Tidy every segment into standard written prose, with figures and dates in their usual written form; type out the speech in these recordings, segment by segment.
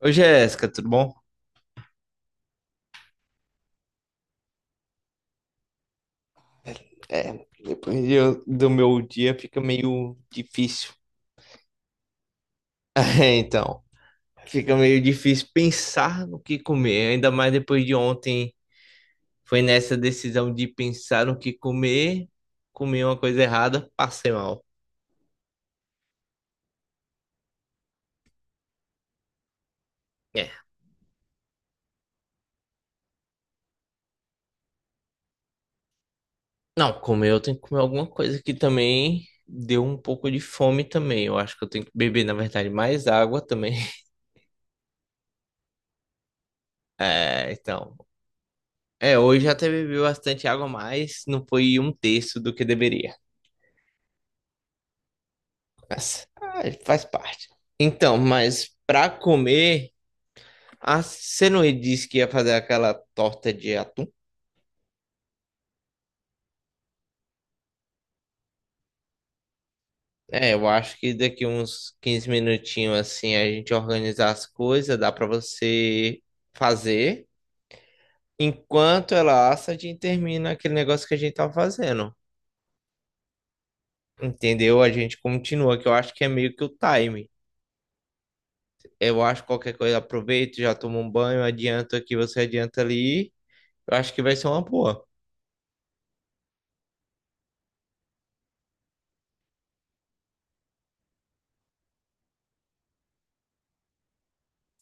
Ô Jéssica, tudo bom? É, do meu dia fica meio difícil. É, então, fica meio difícil pensar no que comer, ainda mais depois de ontem. Foi nessa decisão de pensar no que comer, comi uma coisa errada, passei mal. É. Não, comer eu tenho que comer alguma coisa que também deu um pouco de fome também. Eu acho que eu tenho que beber, na verdade, mais água também. É, então. É, hoje até bebi bastante água, mas não foi um terço do que deveria. Mas, ah, faz parte. Então, mas pra comer, ah, você não disse que ia fazer aquela torta de atum? É, eu acho que daqui uns 15 minutinhos assim a gente organizar as coisas, dá pra você fazer. Enquanto ela assa, a gente termina aquele negócio que a gente tava fazendo. Entendeu? A gente continua, que eu acho que é meio que o time. Eu acho que qualquer coisa aproveita, já toma um banho, adianta aqui, você adianta ali. Eu acho que vai ser uma boa.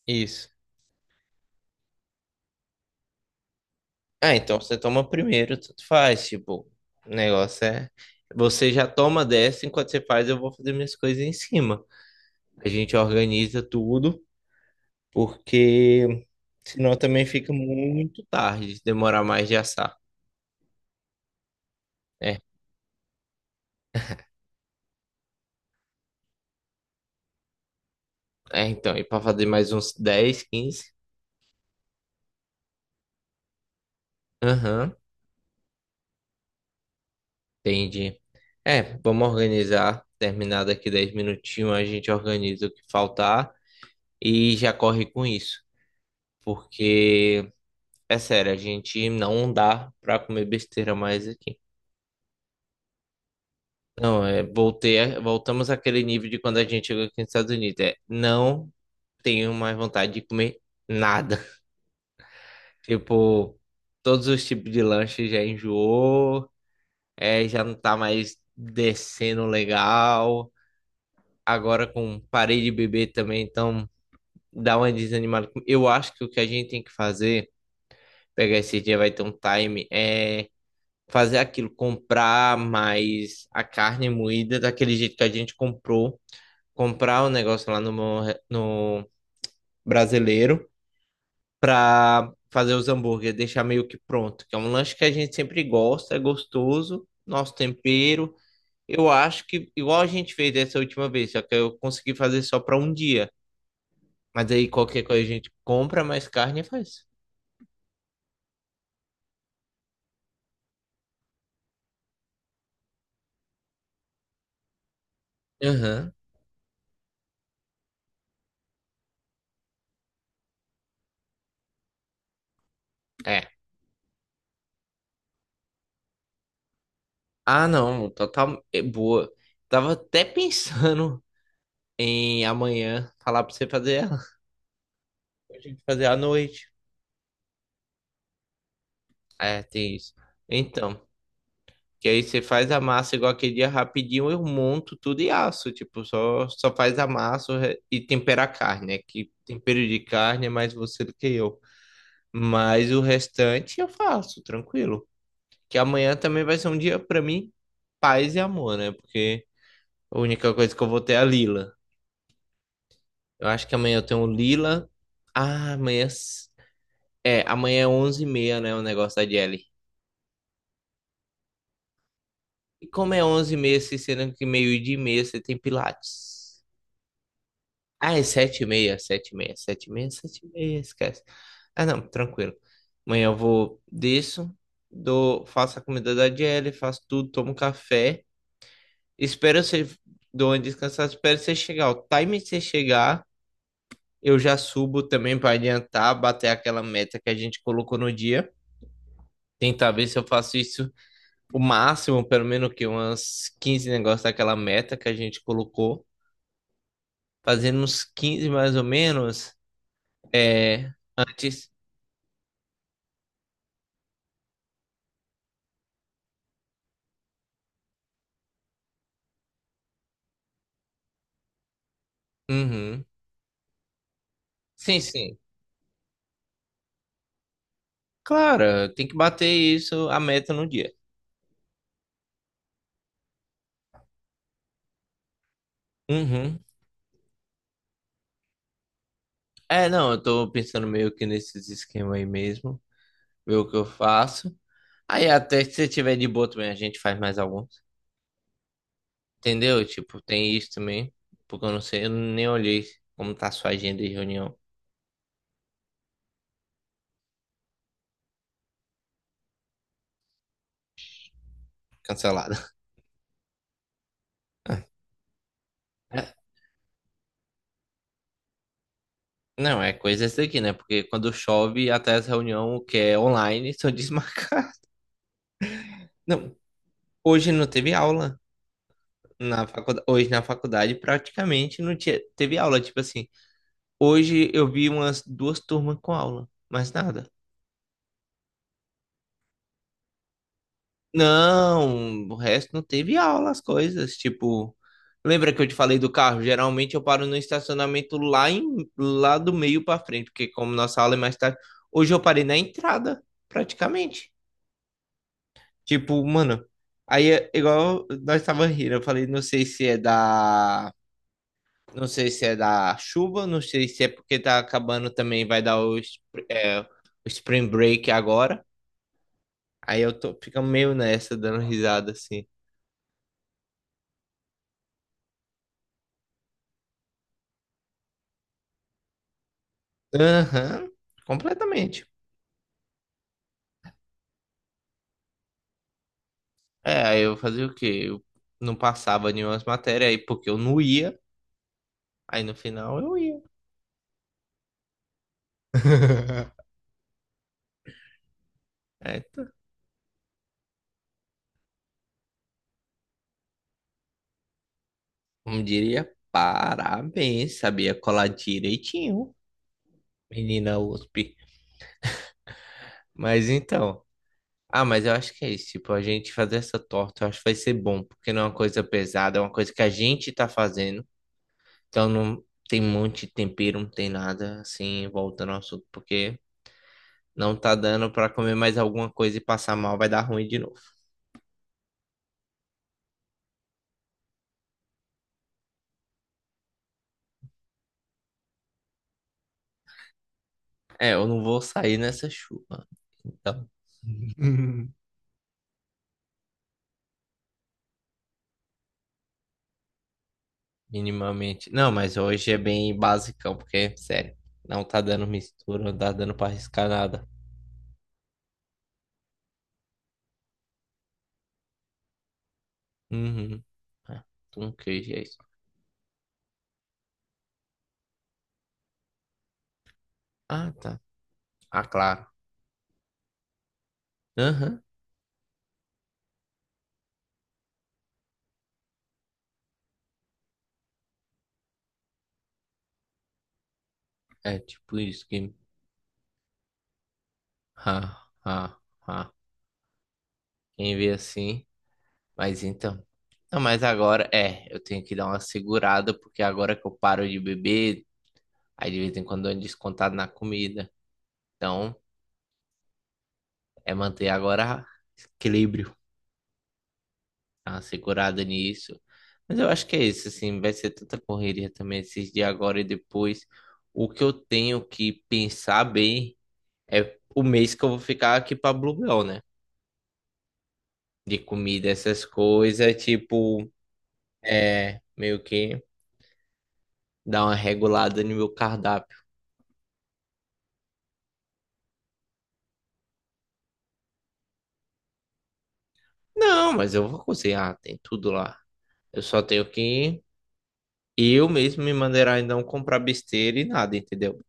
Isso. Ah, então você toma primeiro, tanto faz. Tipo, o negócio é. Você já toma dessa, enquanto você faz, eu vou fazer minhas coisas em cima. A gente organiza tudo, porque senão também fica muito tarde, se demorar mais de assar. É, é então, e para fazer mais uns 10, 15, aham, entendi. É, vamos organizar. Terminar daqui 10 minutinhos, a gente organiza o que faltar e já corre com isso. Porque é sério, a gente não dá pra comer besteira mais aqui. Não, é, voltei, voltamos àquele nível de quando a gente chegou aqui nos Estados Unidos. É, não tenho mais vontade de comer nada. Tipo, todos os tipos de lanche já enjoou, é, já não tá mais descendo legal. Agora com parei de beber também, então dá uma desanimada. Eu acho que o que a gente tem que fazer, pegar esse dia, vai ter um time, é, fazer aquilo, comprar mais a carne moída daquele jeito que a gente comprou, comprar o negócio lá no, no brasileiro para fazer os hambúrgueres, deixar meio que pronto, que é um lanche que a gente sempre gosta, é gostoso, nosso tempero. Eu acho que igual a gente fez dessa última vez, só que eu consegui fazer só para um dia. Mas aí qualquer coisa a gente compra mais carne e faz. Aham. É. Ah, não, total é boa. Tava até pensando em amanhã falar pra você fazer ela. A gente fazer à noite. É, tem isso. Então, que aí você faz a massa igual aquele dia rapidinho, eu monto tudo e asso. Tipo, só faz a massa e tempera a carne, né? Que tempero de carne é mais você do que eu. Mas o restante eu faço, tranquilo. Que amanhã também vai ser um dia pra mim, paz e amor, né? Porque a única coisa que eu vou ter é a Lila. Eu acho que amanhã eu tenho Lila. Ah, amanhã. É, amanhã é 11:30, né? O negócio da Jelly. E como é 11:30, se sendo que 12:30 você tem Pilates? Ah, é 7:30, 7:30, 7:30, sete e meia. Esquece. Ah, não, tranquilo. Amanhã eu vou, disso, dou, faço a comida da Jelly, faço tudo, tomo café. Espero você, dou uma descansada, espero você chegar. O time que você chegar, eu já subo também para adiantar, bater aquela meta que a gente colocou no dia. Tentar ver se eu faço isso o máximo, pelo menos que umas 15 negócios daquela meta que a gente colocou. Fazendo uns 15 mais ou menos, é, antes. Uhum. Sim, sim. Claro, tem que bater isso, a meta no dia. Uhum. É, não, eu tô pensando meio que nesses esquemas aí mesmo, ver o que eu faço. Aí até se você tiver de boa também, a gente faz mais alguns. Entendeu? Tipo, tem isso também, porque eu não sei, eu nem olhei como tá a sua agenda de reunião cancelada. Não, é coisa essa daqui, né? Porque quando chove, até as reunião que é online são desmarcadas. Não, hoje não teve aula na faculdade. Hoje na faculdade praticamente não tinha, teve aula. Tipo assim, hoje eu vi umas duas turmas com aula, mas nada. Não, o resto não teve aula, as coisas. Tipo, lembra que eu te falei do carro? Geralmente eu paro no estacionamento lá, em, lá do meio pra frente, porque como nossa aula é mais tarde, hoje eu parei na entrada, praticamente. Tipo, mano, aí é igual nós tava rindo, eu falei, não sei se é da, não sei se é da chuva, não sei se é porque tá acabando também, vai dar o Spring Break agora. Aí eu tô, fica meio nessa, dando risada assim. Aham, completamente. É, aí eu fazia o quê? Eu não passava nenhuma matéria aí porque eu não ia, aí no final eu ia. É, tá. Como diria, parabéns, sabia colar direitinho. Menina USP. Mas então. Ah, mas eu acho que é isso. Tipo, a gente fazer essa torta, eu acho que vai ser bom, porque não é uma coisa pesada, é uma coisa que a gente tá fazendo. Então não tem um monte de tempero, não tem nada assim, voltando ao assunto, porque não tá dando pra comer mais alguma coisa e passar mal, vai dar ruim de novo. É, eu não vou sair nessa chuva. Então, minimamente. Não, mas hoje é bem basicão, porque, sério, não tá dando mistura, não tá dando pra arriscar nada. Uhum. Ah, com queijo, é isso. Ah, tá. Ah, claro. Aham. É tipo isso que. Ha, ha, ha. Quem vê assim. Mas então. Não, mas agora é. Eu tenho que dar uma segurada, porque agora que eu paro de beber, aí de vez em quando eu ando descontado na comida. Então, é manter agora equilíbrio. Dar uma segurada nisso. Mas eu acho que é isso, assim. Vai ser tanta correria também esses dias agora e depois. O que eu tenho que pensar bem é o mês que eu vou ficar aqui pra Bluebell, né? De comida, essas coisas, tipo, é, meio que dar uma regulada no meu cardápio. Não, mas eu vou cozinhar, tem tudo lá. Eu só tenho que eu mesmo me maneirar e não comprar besteira e nada, entendeu?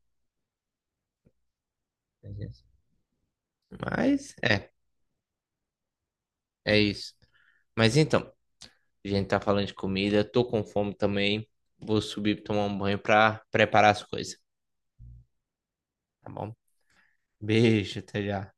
Mas é, é isso. Mas então, a gente tá falando de comida, tô com fome também. Vou subir pra tomar um banho pra preparar as coisas, tá bom? Beijo, até já.